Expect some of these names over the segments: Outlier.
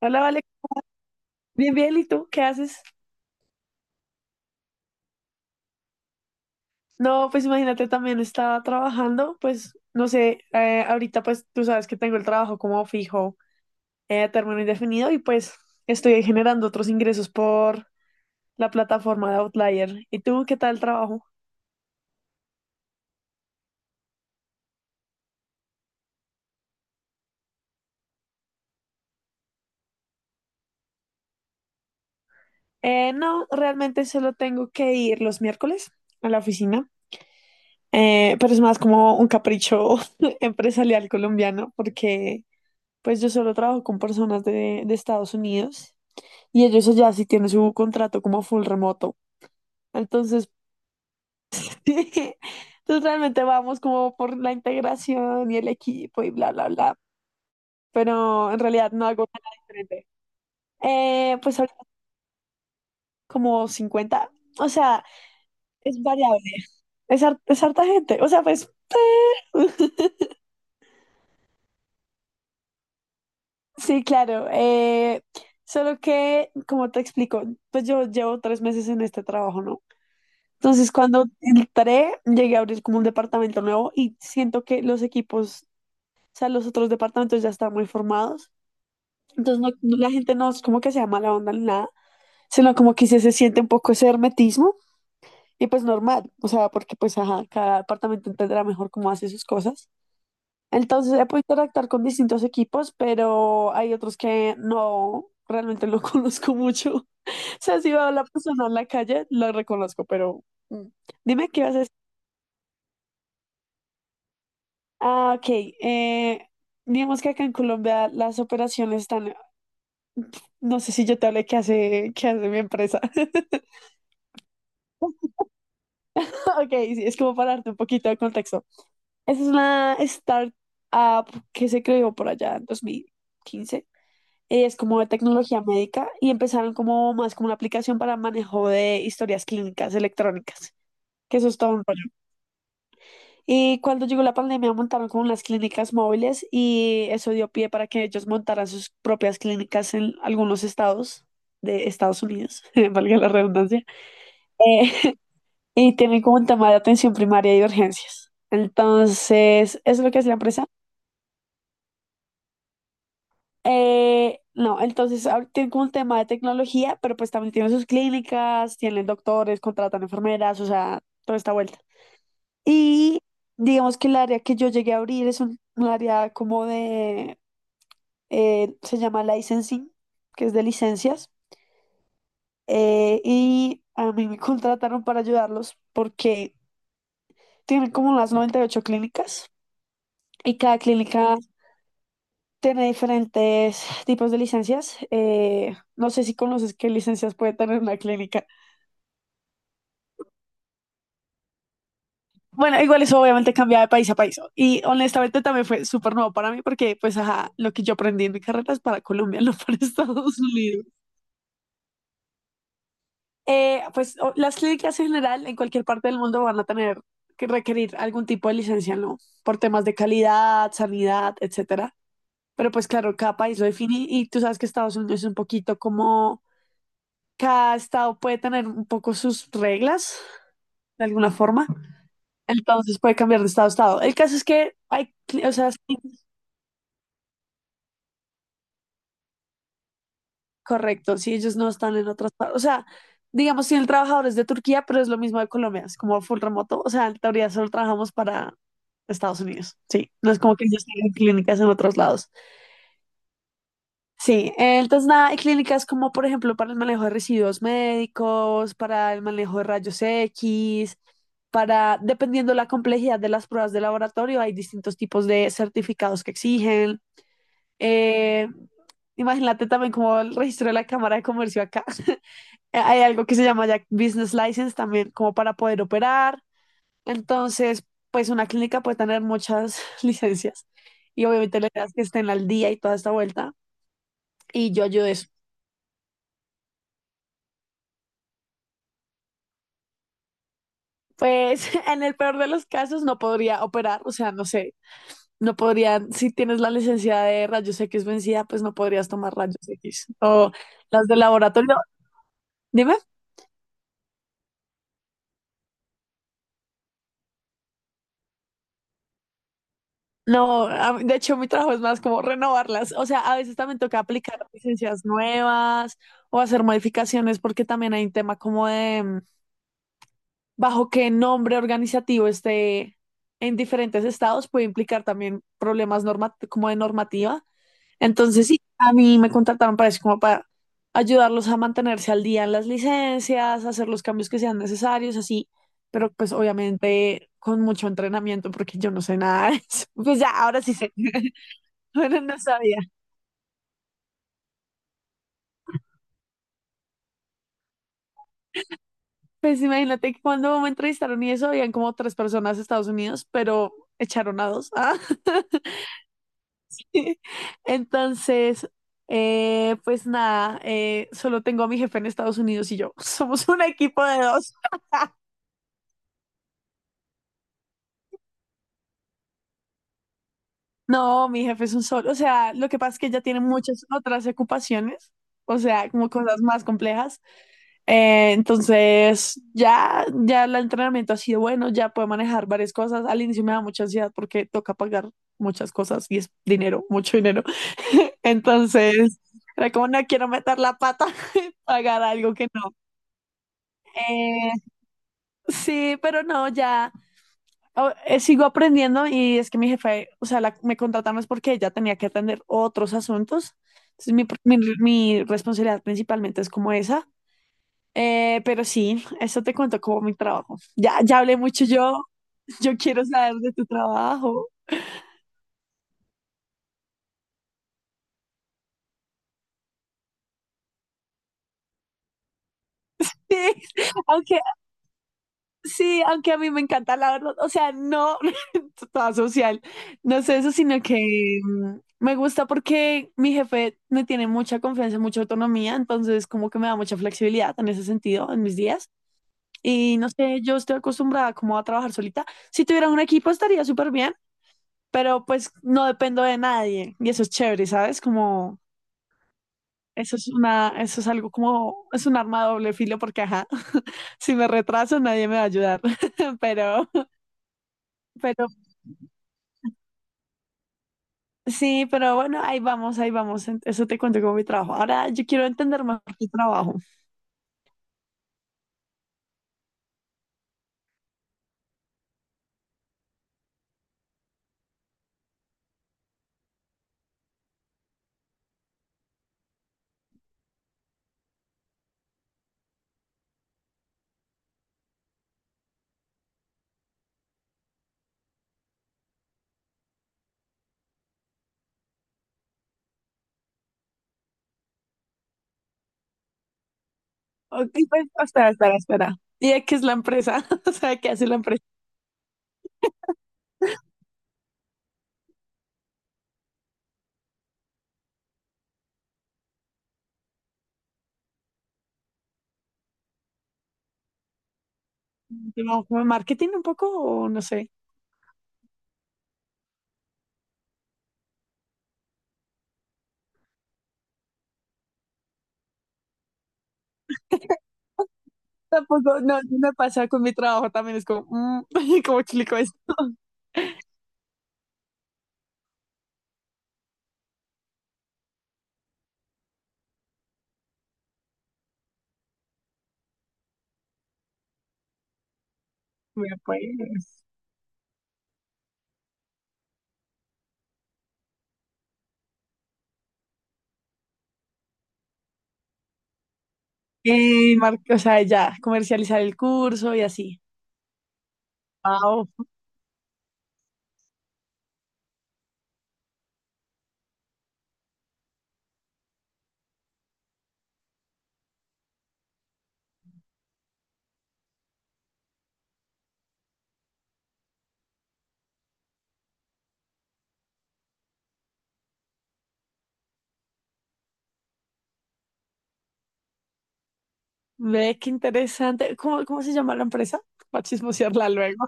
Hola, vale. Bien, bien, ¿y tú qué haces? No, pues imagínate, también estaba trabajando, pues no sé, ahorita pues tú sabes que tengo el trabajo como fijo, a término indefinido y pues estoy generando otros ingresos por la plataforma de Outlier. ¿Y tú qué tal el trabajo? No, realmente solo tengo que ir los miércoles a la oficina, pero es más como un capricho empresarial colombiano porque pues yo solo trabajo con personas de Estados Unidos. Y ellos allá sí tienen su contrato como full remoto. Entonces, entonces realmente vamos como por la integración y el equipo y bla, bla, bla. Pero en realidad no hago nada diferente. Pues ahorita como 50. O sea, es variable. Es harta gente. O sea, pues. Sí, claro. Solo que, como te explico, pues yo llevo 3 meses en este trabajo, ¿no? Entonces, cuando entré, llegué a abrir como un departamento nuevo y siento que los equipos, o sea, los otros departamentos ya están muy formados. Entonces, la gente no es como que sea mala onda ni nada, sino como que sí se siente un poco ese hermetismo y pues normal, o sea, porque pues ajá, cada departamento entenderá mejor cómo hace sus cosas. Entonces, he podido interactuar con distintos equipos, pero hay otros que no, realmente no conozco mucho. O sea, si veo a la persona en la calle, la reconozco, pero mm, dime qué vas a. Ah, ok. Eh, digamos que acá en Colombia las operaciones están. No sé si yo te hablé qué hace mi empresa. Ok, sí, es como para darte un poquito de contexto. Esa es una startup que se creó por allá en 2015. Es como de tecnología médica y empezaron como más como una aplicación para manejo de historias clínicas electrónicas, que eso es todo un rollo. Y cuando llegó la pandemia montaron como unas clínicas móviles y eso dio pie para que ellos montaran sus propias clínicas en algunos estados de Estados Unidos, valga la redundancia, eh, y tienen como un tema de atención primaria y de urgencias. Entonces, eso es lo que hace la empresa. No, entonces ahorita tienen como un tema de tecnología, pero pues también tienen sus clínicas, tienen doctores, contratan enfermeras, o sea, toda esta vuelta. Y digamos que el área que yo llegué a abrir es un área como de, se llama licensing, que es de licencias, y a mí me contrataron para ayudarlos porque tienen como unas 98 clínicas y cada clínica tiene diferentes tipos de licencias. No sé si conoces qué licencias puede tener una clínica. Bueno, igual eso obviamente cambia de país a país, ¿no? Y honestamente también fue súper nuevo para mí porque pues ajá, lo que yo aprendí en mi carrera es para Colombia, no para Estados Unidos. Pues las clínicas en general en cualquier parte del mundo van a tener que requerir algún tipo de licencia, ¿no? Por temas de calidad, sanidad, etcétera. Pero pues claro, cada país lo define y tú sabes que Estados Unidos es un poquito como cada estado puede tener un poco sus reglas de alguna forma, entonces puede cambiar de estado a estado. El caso es que hay, o sea, sí. Correcto, si ellos no están en otras partes, o sea, digamos, si el trabajador es de Turquía, pero es lo mismo de Colombia, es como full remoto, o sea, en teoría solo trabajamos para Estados Unidos, sí, no es como que ellos tienen clínicas en otros lados. Sí, entonces nada, hay clínicas como por ejemplo para el manejo de residuos médicos, para el manejo de rayos X, para, dependiendo la complejidad de las pruebas de laboratorio, hay distintos tipos de certificados que exigen. Eh, imagínate también como el registro de la Cámara de Comercio acá. Hay algo que se llama ya business license también, como para poder operar. Entonces, pues una clínica puede tener muchas licencias y obviamente la idea es que estén al día y toda esta vuelta. Y yo ayudo eso. Pues en el peor de los casos no podría operar, o sea, no sé, no podrían, si tienes la licencia de rayos X vencida, pues no podrías tomar rayos X. O las de laboratorio, dime. No, de hecho mi trabajo es más como renovarlas. O sea, a veces también toca aplicar licencias nuevas o hacer modificaciones porque también hay un tema como de, bajo qué nombre organizativo esté en diferentes estados puede implicar también problemas como de normativa. Entonces, sí, a mí me contrataron para eso, como para ayudarlos a mantenerse al día en las licencias, hacer los cambios que sean necesarios, así, pero pues obviamente con mucho entrenamiento porque yo no sé nada de eso. Pues ya, ahora sí sé. Bueno, no sabía. Pues imagínate que cuando me entrevistaron y eso, habían como tres personas de Estados Unidos, pero echaron a dos. Ah. Entonces, pues nada, solo tengo a mi jefe en Estados Unidos y yo. Somos un equipo de dos. No, mi jefe es un solo. O sea, lo que pasa es que ella tiene muchas otras ocupaciones, o sea, como cosas más complejas. Entonces, ya el entrenamiento ha sido bueno, ya puedo manejar varias cosas. Al inicio me da mucha ansiedad porque toca pagar muchas cosas y es dinero, mucho dinero. Entonces, era como no quiero meter la pata, pagar algo que no. Eh, sí, pero no, ya sigo aprendiendo y es que mi jefe, o sea, me contrataron es porque ella tenía que atender otros asuntos. Entonces, mi responsabilidad principalmente es como esa. Pero sí, eso te cuento como mi trabajo. Ya hablé mucho yo. Yo quiero saber de tu trabajo. Sí, aunque sí, aunque a mí me encanta la verdad, o sea, no toda social, no sé eso, sino que me gusta porque mi jefe me tiene mucha confianza, mucha autonomía, entonces como que me da mucha flexibilidad en ese sentido en mis días. Y no sé, yo estoy acostumbrada como a trabajar solita. Si tuviera un equipo estaría súper bien, pero pues no dependo de nadie y eso es chévere, ¿sabes? Como eso es algo como, es un arma de doble filo porque, ajá, si me retraso nadie me va a ayudar, pero, pero, sí, pero bueno, ahí vamos, eso te cuento como mi trabajo. Ahora yo quiero entender más tu trabajo. Ok, pues, espera, espera, espera. ¿Y de qué es la empresa? O sea, ¿qué hace la empresa? ¿Como marketing un poco o no sé? Tampoco, no, sí me pasa con mi trabajo también, es como, ¿cómo explico esto? Mira, pues. O sea, ya, comercializar el curso y así. Wow, ve qué interesante. ¿Cómo se llama la empresa? Para chismosearla luego.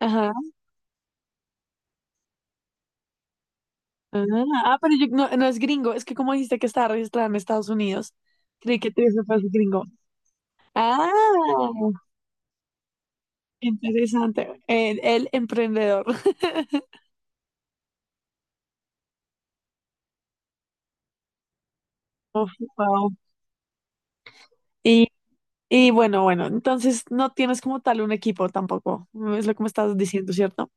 Ajá. Ah, ah, pero no, no es gringo, es que como dijiste que estaba registrada en Estados Unidos, creí que tú fue gringo. Ah, interesante. El emprendedor. Oh, wow. Y bueno, bueno, entonces no tienes como tal un equipo tampoco, es lo que me estás diciendo, ¿cierto?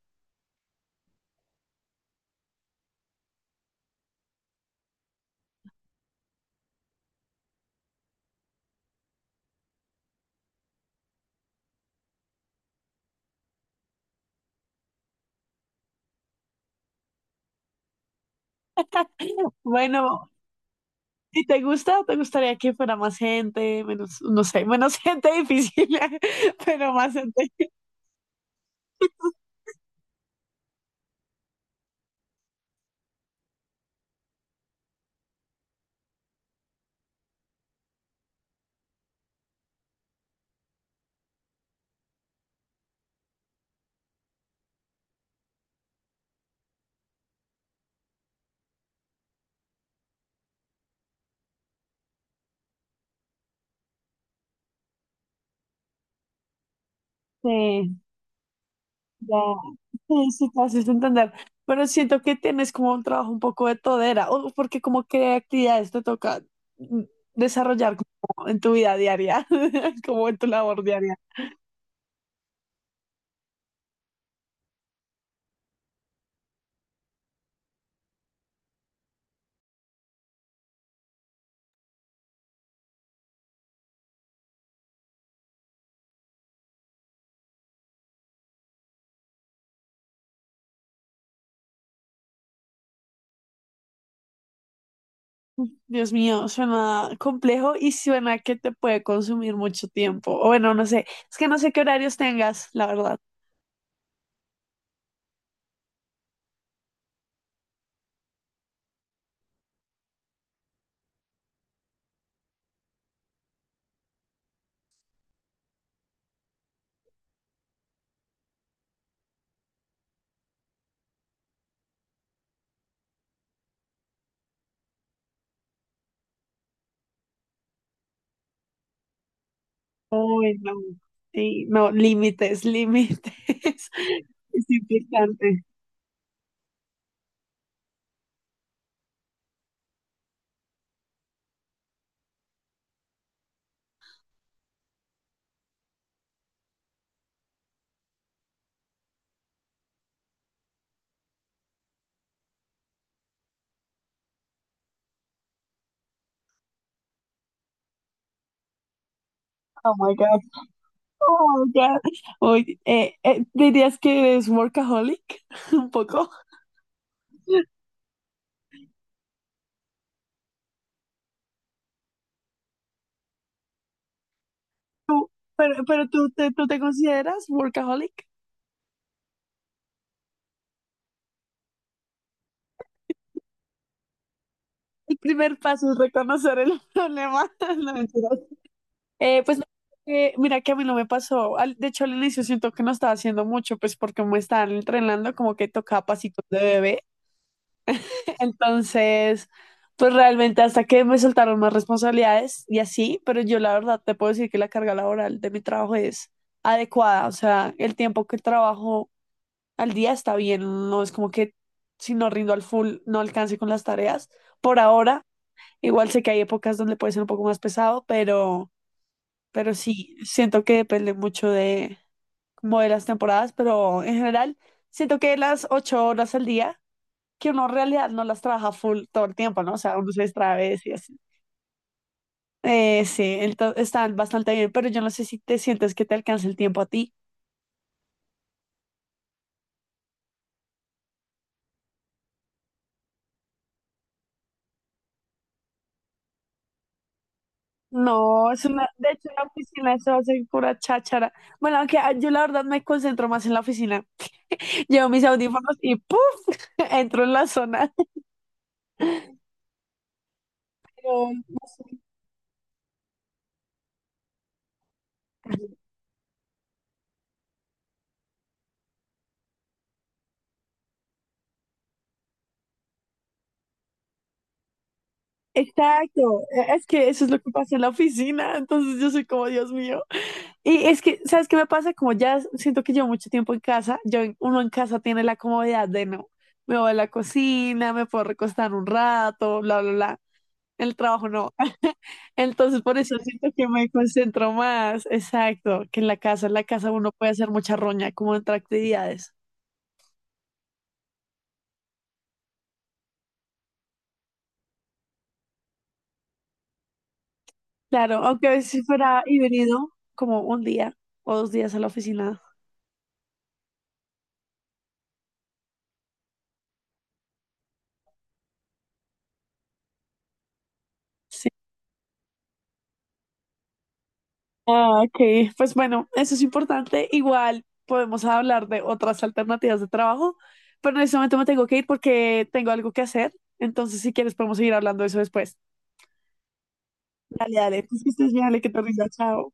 Bueno, si te gusta, te gustaría que fuera más gente, menos, no sé, menos gente difícil, pero más gente. Sí, ya, sí, sí, te haces entender. Pero siento que tienes como un trabajo un poco de todera, o porque como qué actividades te toca, mm, desarrollar como en tu vida diaria, como en tu labor diaria. Dios mío, suena complejo y suena que te puede consumir mucho tiempo. O bueno, no sé, es que no sé qué horarios tengas, la verdad. Uy, no. Sí, no, límites, límites. Es importante. Oh my God. Oh my God. Uy, ¿dirías que eres workaholic? Un poco. Tú- pero tú te consideras workaholic? El primer paso es reconocer el problema. No, mentiras. Pues mira que a mí no me pasó. De hecho, al inicio siento que no estaba haciendo mucho, pues porque me estaban entrenando como que tocaba pasitos de bebé. Entonces, pues realmente hasta que me soltaron más responsabilidades y así, pero yo la verdad te puedo decir que la carga laboral de mi trabajo es adecuada. O sea, el tiempo que trabajo al día está bien. No es como que si no rindo al full no alcance con las tareas. Por ahora, igual sé que hay épocas donde puede ser un poco más pesado, pero. Pero sí, siento que depende mucho de como de las temporadas, pero en general siento que las 8 horas al día, que uno en realidad no las trabaja full todo el tiempo, ¿no? O sea, uno se distrae a veces y así. Sí, entonces están bastante bien, pero yo no sé si te sientes que te alcanza el tiempo a ti. No, es una, de hecho la oficina se va a hacer pura cháchara. Bueno, aunque yo la verdad me concentro más en la oficina. Llevo mis audífonos y ¡puf! Entro en la zona. Pero, no sé. Exacto, es que eso es lo que pasa en la oficina, entonces yo soy como, Dios mío. Y es que, ¿sabes qué me pasa? Como ya siento que llevo mucho tiempo en casa, yo, uno en casa tiene la comodidad de no, me voy a la cocina, me puedo recostar un rato, bla, bla, bla. En el trabajo no. Entonces por eso siento que me concentro más, exacto, que en la casa uno puede hacer mucha roña, como entre actividades. Claro, aunque a veces si fuera y venido como un día o 2 días a la oficina. Ah, ok. Pues bueno, eso es importante. Igual podemos hablar de otras alternativas de trabajo, pero en este momento me tengo que ir porque tengo algo que hacer. Entonces, si quieres, podemos seguir hablando de eso después. Dale, dale. Pues que estés bien, dale, que te rinda. Chao.